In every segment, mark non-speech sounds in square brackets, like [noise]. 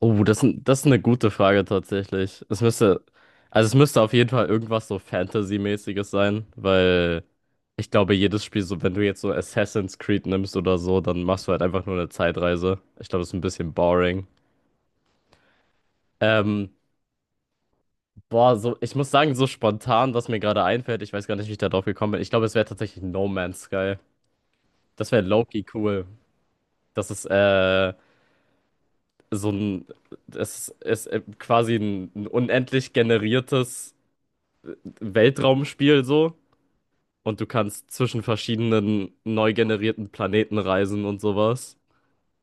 Oh, das ist eine gute Frage tatsächlich. Also es müsste auf jeden Fall irgendwas so Fantasy-mäßiges sein, weil ich glaube, jedes Spiel, so wenn du jetzt so Assassin's Creed nimmst oder so, dann machst du halt einfach nur eine Zeitreise. Ich glaube, das ist ein bisschen boring. Ähm, Boah, so, ich muss sagen, so spontan, was mir gerade einfällt, ich weiß gar nicht, wie ich da drauf gekommen bin. Ich glaube, es wäre tatsächlich No Man's Sky. Das wäre Loki cool. Das ist, äh, so ein, das ist, quasi ein unendlich generiertes Weltraumspiel so und du kannst zwischen verschiedenen neu generierten Planeten reisen und sowas.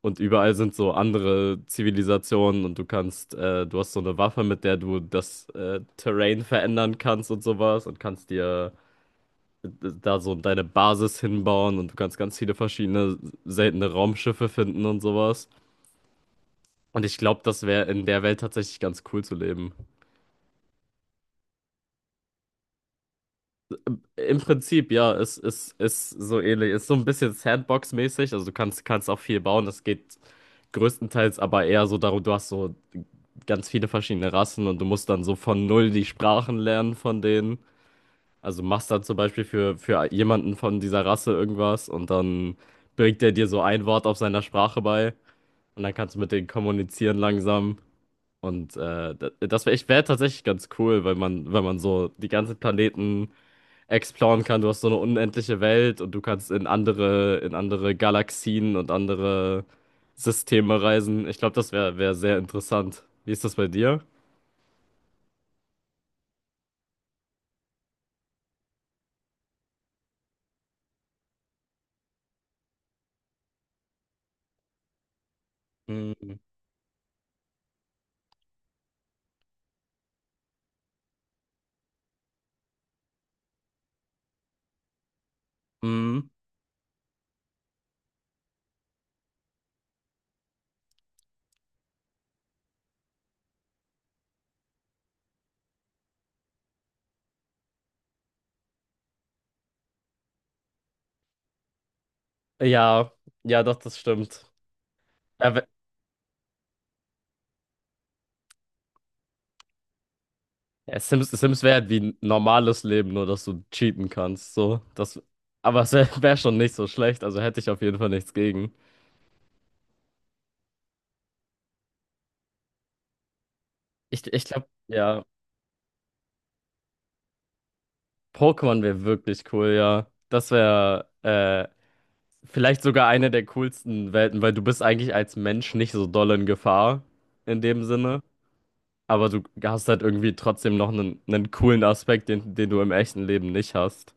Und überall sind so andere Zivilisationen und du kannst, du hast so eine Waffe, mit der du das Terrain verändern kannst und sowas und kannst dir äh, da so deine Basis hinbauen und du kannst ganz viele verschiedene seltene Raumschiffe finden und sowas. Und ich glaube, das wäre in der Welt tatsächlich ganz cool zu leben. Im Prinzip, ja, es ist so ähnlich. Ist so ein bisschen Sandbox-mäßig. Also du kannst auch viel bauen. Es geht größtenteils aber eher so darum, du hast so ganz viele verschiedene Rassen und du musst dann so von null die Sprachen lernen von denen. Also machst dann zum Beispiel für jemanden von dieser Rasse irgendwas und dann bringt der dir so ein Wort auf seiner Sprache bei und dann kannst du mit denen kommunizieren langsam. Und das wäre wär ich wär tatsächlich ganz cool, weil man so die ganzen Planeten exploren kann. Du hast so eine unendliche Welt und du kannst in in andere Galaxien und andere Systeme reisen. Ich glaube, das wäre wär sehr interessant. Wie ist das bei dir? Mhm. Mhm. Ja, ja, doch, das stimmt. Ja, ja, Sims wäre halt wie ein normales Leben, nur dass du cheaten kannst. So, aber es wäre wär wär schon nicht so schlecht, also hätte ich auf jeden Fall nichts gegen. Ich glaube, ja, Pokémon wäre wirklich cool, ja. Das wäre vielleicht sogar eine der coolsten Welten, weil du bist eigentlich als Mensch nicht so doll in Gefahr in dem Sinne, aber du hast halt irgendwie trotzdem noch einen coolen Aspekt, den du im echten Leben nicht hast.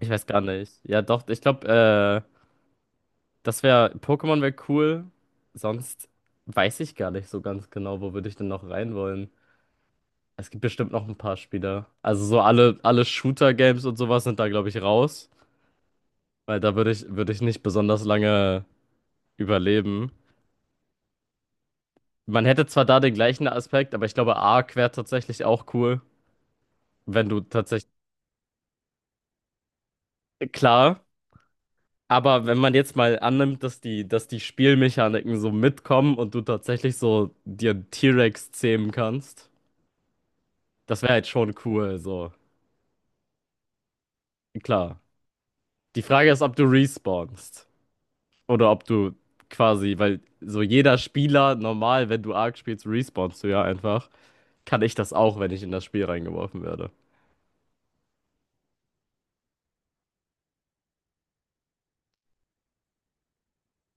Ich weiß gar nicht. Ja, doch, ich glaube, äh, das wäre, Pokémon wäre cool. Sonst weiß ich gar nicht so ganz genau, wo würde ich denn noch rein wollen. Es gibt bestimmt noch ein paar Spieler. Also so alle Shooter-Games und sowas sind da, glaube ich, raus, weil da würde würde ich nicht besonders lange überleben. Man hätte zwar da den gleichen Aspekt, aber ich glaube, Arc wäre tatsächlich auch cool, wenn du tatsächlich. Klar, aber wenn man jetzt mal annimmt, dass die Spielmechaniken so mitkommen und du tatsächlich so dir einen T-Rex zähmen kannst, das wäre halt schon cool, so. Klar. Die Frage ist, ob du respawnst oder ob du quasi, weil so jeder Spieler normal, wenn du Arc spielst, respawnst du ja einfach. Kann ich das auch, wenn ich in das Spiel reingeworfen werde.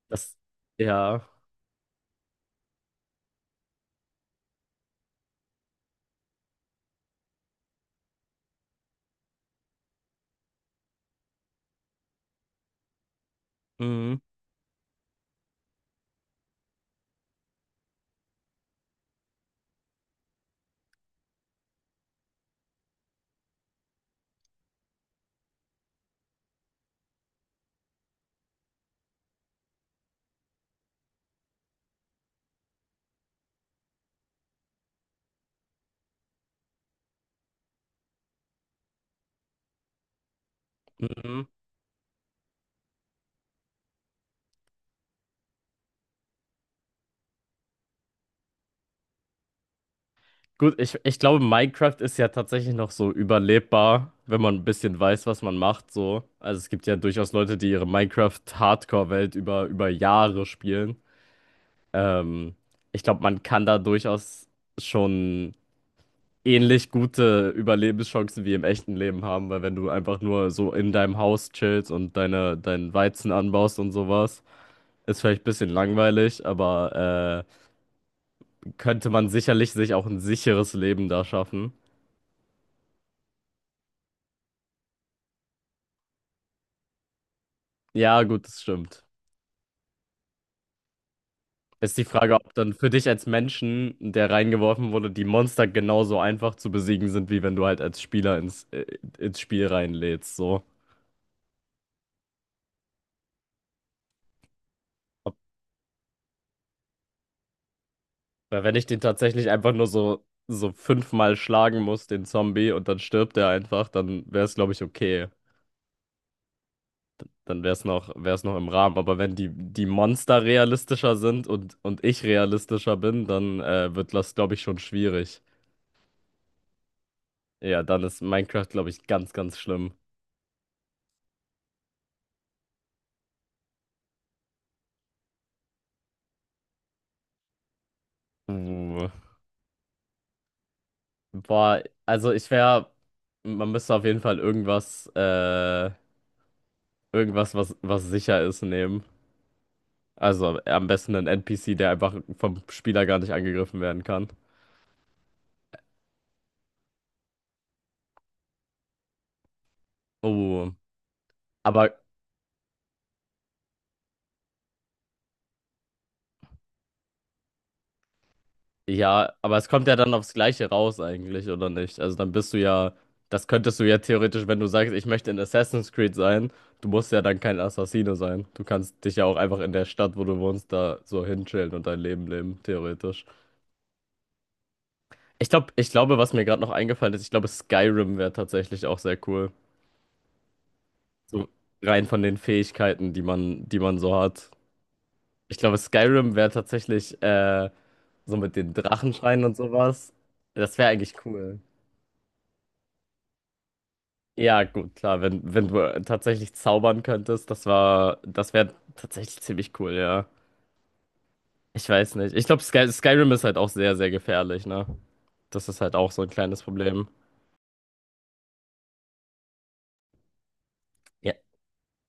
Das, ja. Mhm. Mhm. Gut, ich glaube, Minecraft ist ja tatsächlich noch so überlebbar, wenn man ein bisschen weiß, was man macht, so. Also es gibt ja durchaus Leute, die ihre Minecraft-Hardcore-Welt über Jahre spielen. Ähm, Ich glaube, man kann da durchaus schon ähnlich gute Überlebenschancen wie im echten Leben haben, weil wenn du einfach nur so in deinem Haus chillst und deinen Weizen anbaust und sowas, ist vielleicht ein bisschen langweilig, aber könnte man sicherlich sich auch ein sicheres Leben da schaffen. Ja, gut, das stimmt. Ist die Frage, ob dann für dich als Menschen, der reingeworfen wurde, die Monster genauso einfach zu besiegen sind, wie wenn du halt als Spieler ins Spiel reinlädst. So. Ob, weil wenn ich den tatsächlich einfach nur so fünfmal schlagen muss, den Zombie, und dann stirbt er einfach, dann wäre es, glaube ich, okay. Dann wäre es wäre es noch im Rahmen. Aber wenn die Monster realistischer sind und ich realistischer bin, dann wird das, glaube ich, schon schwierig. Ja, dann ist Minecraft, glaube ich, ganz, ganz schlimm. Uh. Boah, also ich wäre, man müsste auf jeden Fall was sicher ist, nehmen. Also am besten einen NPC, der einfach vom Spieler gar nicht angegriffen werden kann. Oh, aber ja, aber es kommt ja dann aufs Gleiche raus eigentlich, oder nicht? Also dann bist du ja, das könntest du ja theoretisch, wenn du sagst, ich möchte in Assassin's Creed sein, du musst ja dann kein Assassine sein. Du kannst dich ja auch einfach in der Stadt, wo du wohnst, da so hinchillen und dein Leben leben, theoretisch. Ich glaube, was mir gerade noch eingefallen ist, ich glaube, Skyrim wäre tatsächlich auch sehr cool. So rein von den Fähigkeiten, die man so hat. Ich glaube, Skyrim wäre tatsächlich so mit den Drachenschreien und sowas. Das wäre eigentlich cool. Ja, gut, klar, wenn du tatsächlich zaubern könntest, das wäre tatsächlich ziemlich cool, ja. Ich weiß nicht. Ich glaube, Skyrim ist halt auch sehr, sehr gefährlich, ne? Das ist halt auch so ein kleines Problem.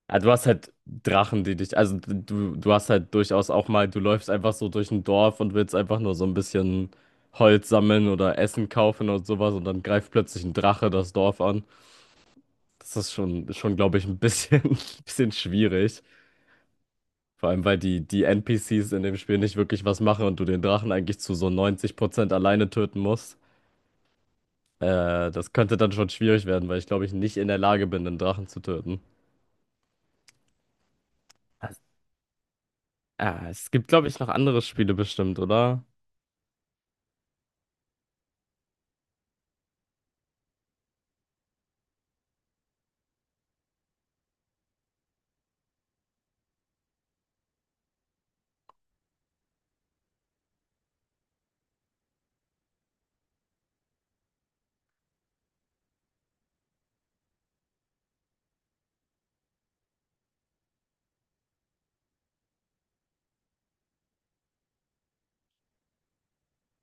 Ah, du hast halt Drachen, also du hast halt durchaus auch mal, du läufst einfach so durch ein Dorf und willst einfach nur so ein bisschen Holz sammeln oder Essen kaufen und sowas und dann greift plötzlich ein Drache das Dorf an. Das ist schon glaube ich, ein bisschen, [laughs] bisschen schwierig. Vor allem, weil die NPCs in dem Spiel nicht wirklich was machen und du den Drachen eigentlich zu so 90% alleine töten musst. Das könnte dann schon schwierig werden, weil ich glaube ich nicht in der Lage bin, einen Drachen zu töten. Ah, es gibt glaube ich noch andere Spiele bestimmt, oder?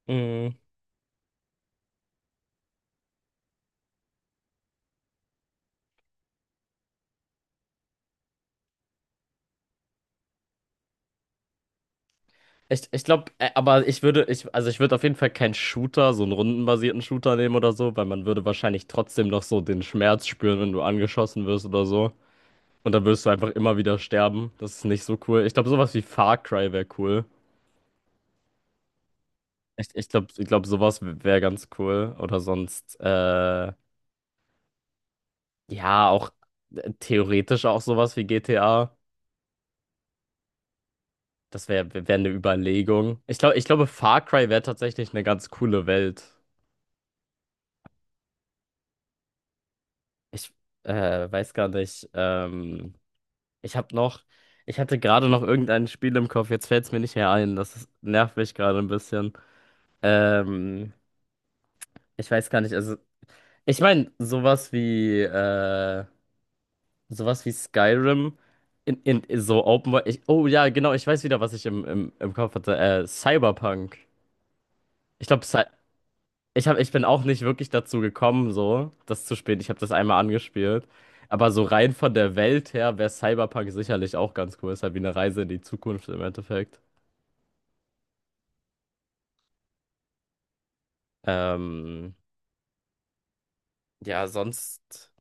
Mm. Ich glaube, aber ich also ich würde auf jeden Fall keinen Shooter, so einen rundenbasierten Shooter nehmen oder so, weil man würde wahrscheinlich trotzdem noch so den Schmerz spüren, wenn du angeschossen wirst oder so. Und dann würdest du einfach immer wieder sterben. Das ist nicht so cool. Ich glaube, sowas wie Far Cry wäre cool. Ich glaub, sowas wäre ganz cool. Oder sonst, ja, auch theoretisch auch sowas wie GTA. Das wäre wär wär eine Überlegung. Ich glaube, Far Cry wäre tatsächlich eine ganz coole Welt. Ich weiß gar nicht. Ich habe noch, ich hatte gerade noch irgendein Spiel im Kopf. Jetzt fällt es mir nicht mehr ein. Nervt mich gerade ein bisschen. Ähm, ich weiß gar nicht. Also, ich meine, sowas wie Skyrim in, in so Open World. Ich, oh ja, genau. Ich weiß wieder, was ich im Kopf hatte. Cyberpunk. Ich glaube, Ich ich bin auch nicht wirklich dazu gekommen, so das zu spielen. Ich habe das einmal angespielt. Aber so rein von der Welt her wäre Cyberpunk sicherlich auch ganz cool. Ist halt wie eine Reise in die Zukunft im Endeffekt. Ähm, ja, sonst,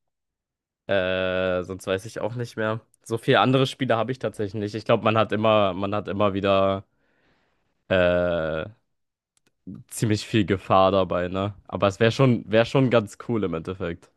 äh, sonst weiß ich auch nicht mehr. So viele andere Spiele habe ich tatsächlich nicht. Ich glaube, man hat immer wieder äh, ziemlich viel Gefahr dabei, ne? Aber es wäre wäre schon ganz cool im Endeffekt.